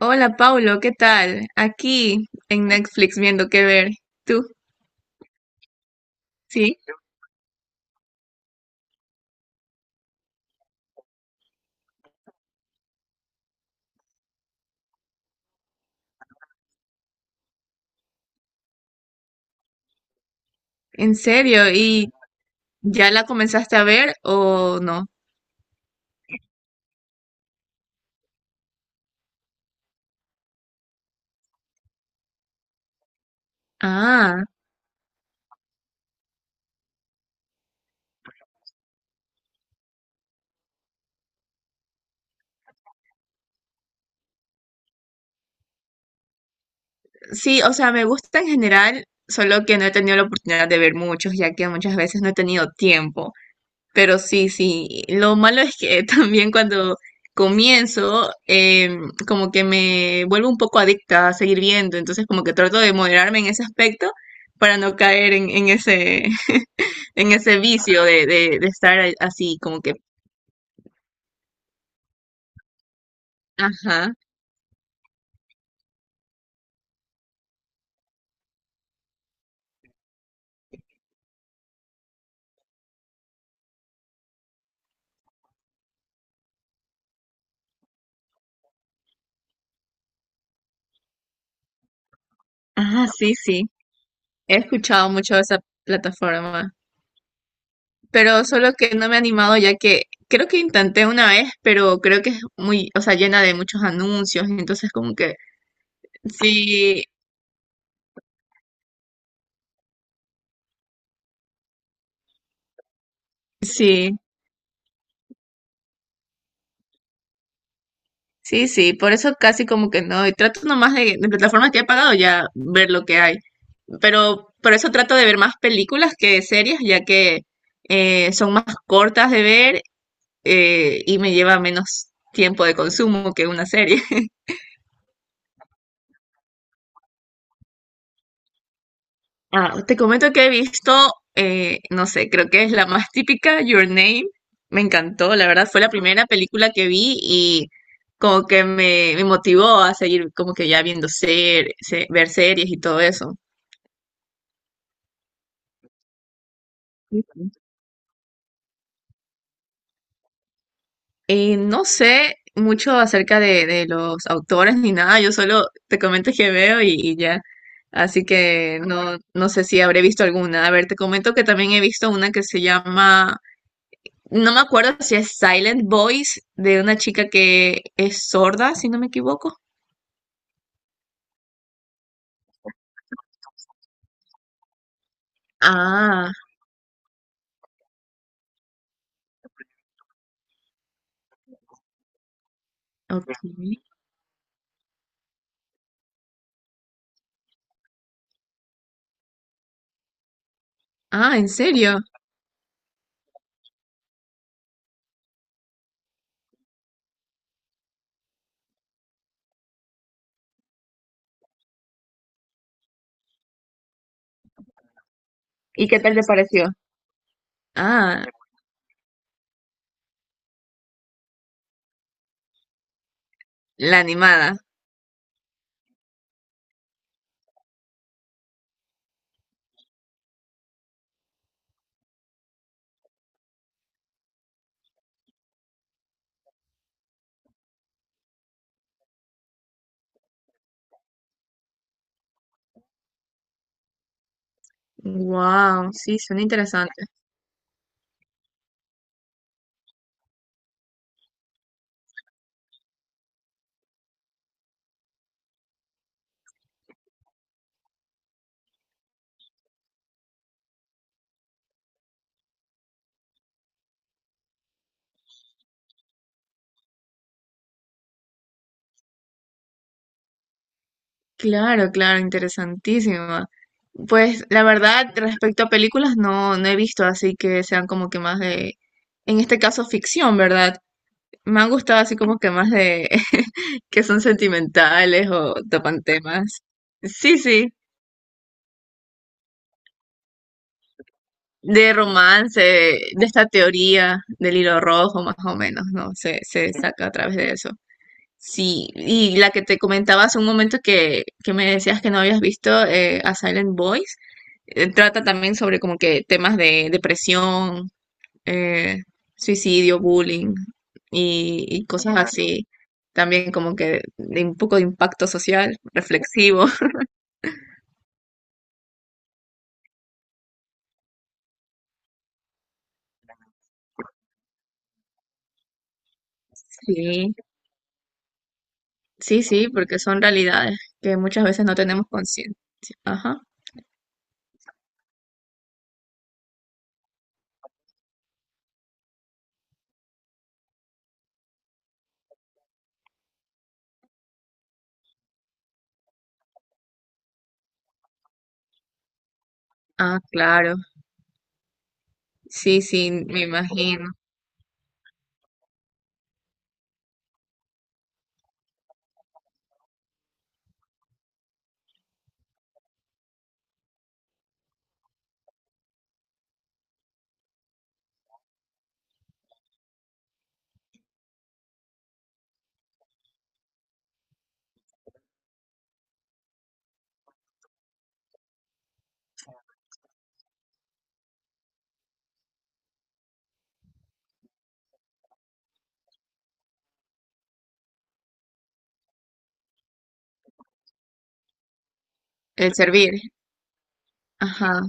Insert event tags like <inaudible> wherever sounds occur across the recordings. Hola Paulo, ¿qué tal? Aquí en Netflix viendo qué ver. ¿Tú? ¿Sí? ¿En serio? ¿Y ya la comenzaste a ver o no? Ah, sí, o sea, me gusta en general, solo que no he tenido la oportunidad de ver muchos, ya que muchas veces no he tenido tiempo. Pero sí, sí, lo malo es que <laughs> también cuando comienzo, como que me vuelvo un poco adicta a seguir viendo, entonces como que trato de moderarme en ese aspecto para no caer en ese, en ese vicio de estar así, como que, ajá, ajá, sí, sí. He escuchado mucho de esa plataforma, pero solo que no me he animado ya que creo que intenté una vez, pero creo que es muy, o sea, llena de muchos anuncios, entonces como que sí, sí. Sí, sí, por eso casi como que no, y trato nomás de plataformas que he pagado ya ver lo que hay, pero por eso trato de ver más películas que series, ya que son más cortas de ver. Y me lleva menos tiempo de consumo que una serie. <laughs> Ah, te comento que he visto, no sé, creo que es la más típica, Your Name. Me encantó, la verdad, fue la primera película que vi y como que me motivó a seguir como que ya viendo ver series y todo eso. No sé mucho acerca de los autores ni nada, yo solo te comento que veo y ya. Así que no, no sé si habré visto alguna. A ver, te comento que también he visto una que se llama, no me acuerdo si es Silent Voice, de una chica que es sorda, si no me equivoco. Ah, ok. Ah, ¿en serio? ¿Y qué tal te pareció? Ah, la animada. Wow, sí, suena interesante. Claro, claro, interesantísima. Pues la verdad, respecto a películas, no, no he visto así que sean como que más de, en este caso, ficción, ¿verdad? Me han gustado así como que más de <laughs> que son sentimentales o topan temas. Sí, sí, de romance, de esta teoría del hilo rojo, más o menos, ¿no? Se saca a través de eso. Sí, y la que te comentaba hace un momento que me decías que no habías visto, A Silent Voice, trata también sobre como que temas de depresión, eh, suicidio, bullying y cosas así. También como que de un poco de impacto social, reflexivo. <laughs> Sí, sí, sí, porque son realidades que muchas veces no tenemos conciencia. Ajá. Ah, claro. Sí, sí, me imagino. El servir. Ajá.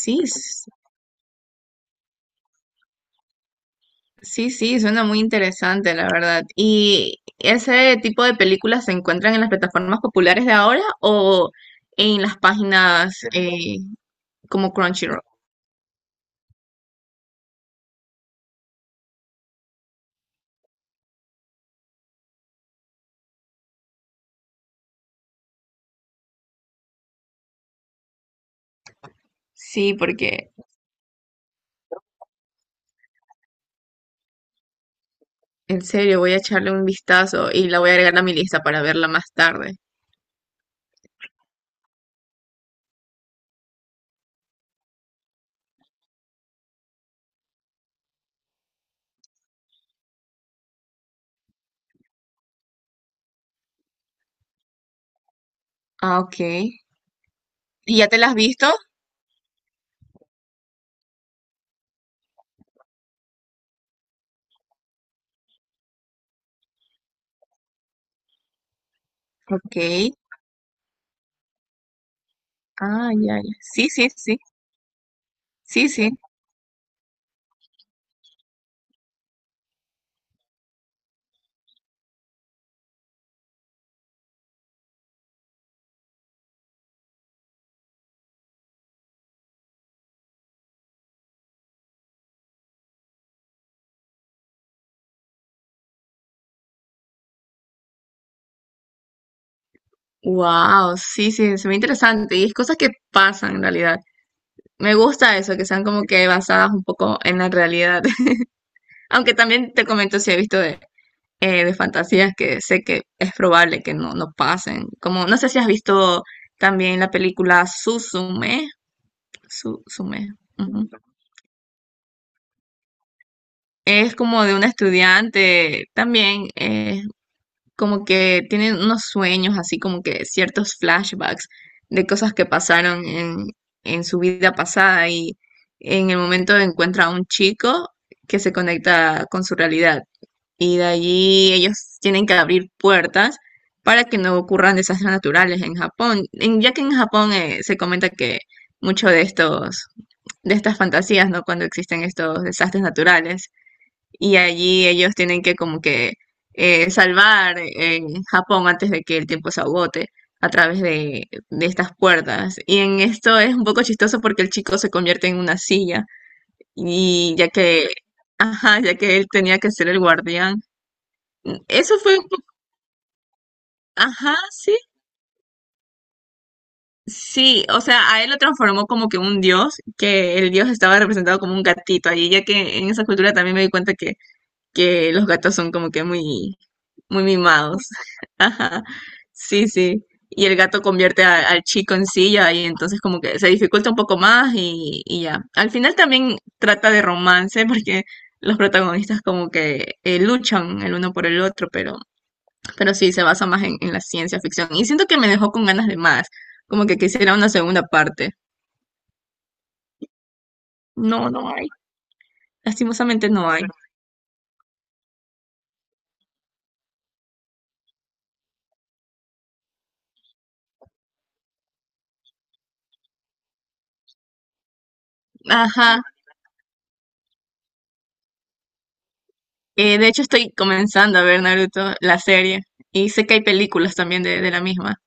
Sí, sí, sí, suena muy interesante, la verdad. ¿Y ese tipo de películas se encuentran en las plataformas populares de ahora o en las páginas como Crunchyroll? Sí, porque en serio voy a echarle un vistazo y la voy a agregar a mi lista para verla más tarde. Ah, ok. ¿Y ya te la has visto? Ok. Ah, ya, ya. Sí, sí, sí. Sí, sí. Wow, sí, sí, se ve interesante. Y es cosas que pasan en realidad. Me gusta eso, que sean como que basadas un poco en la realidad. Aunque también te comento si he visto de fantasías que sé que es probable que no, no pasen. Como, no sé si has visto también la película Suzume. Su, Sume. Ujú. Es como de una estudiante también, como que tienen unos sueños, así como que ciertos flashbacks de cosas que pasaron en su vida pasada y en el momento encuentra a un chico que se conecta con su realidad y de allí ellos tienen que abrir puertas para que no ocurran desastres naturales en Japón. Ya que en Japón se comenta que mucho de estos, de estas fantasías, ¿no? Cuando existen estos desastres naturales y allí ellos tienen que como que salvar Japón antes de que el tiempo se agote a través de estas puertas. Y en esto es un poco chistoso porque el chico se convierte en una silla y ya que, ajá, ya que él tenía que ser el guardián. Eso fue un poco, ajá, sí. Sí, o sea, a él lo transformó como que un dios, que el dios estaba representado como un gatito allí, ya que en esa cultura también me di cuenta que los gatos son como que muy, muy mimados. <laughs> Ajá. Sí, sí. Y el gato convierte al chico en silla y entonces como que se dificulta un poco más y ya. Al final también trata de romance porque los protagonistas como que luchan el uno por el otro, pero sí se basa más en la ciencia ficción. Y siento que me dejó con ganas de más, como que quisiera una segunda parte. No, no hay. Lastimosamente no hay. Ajá. De hecho, estoy comenzando a ver Naruto, la serie, y sé que hay películas también de la misma.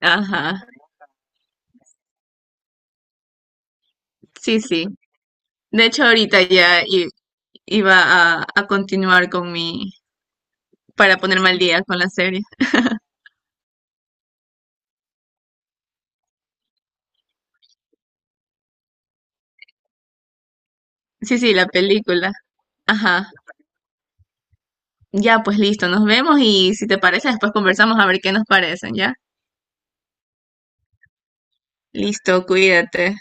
Ajá, sí, sí. De hecho, ahorita ya iba a continuar con mi, para ponerme al día con la serie. Sí, sí, la película. Ajá. Ya, pues listo, nos vemos y si te parece, después conversamos a ver qué nos parecen, ¿ya? Listo, cuídate.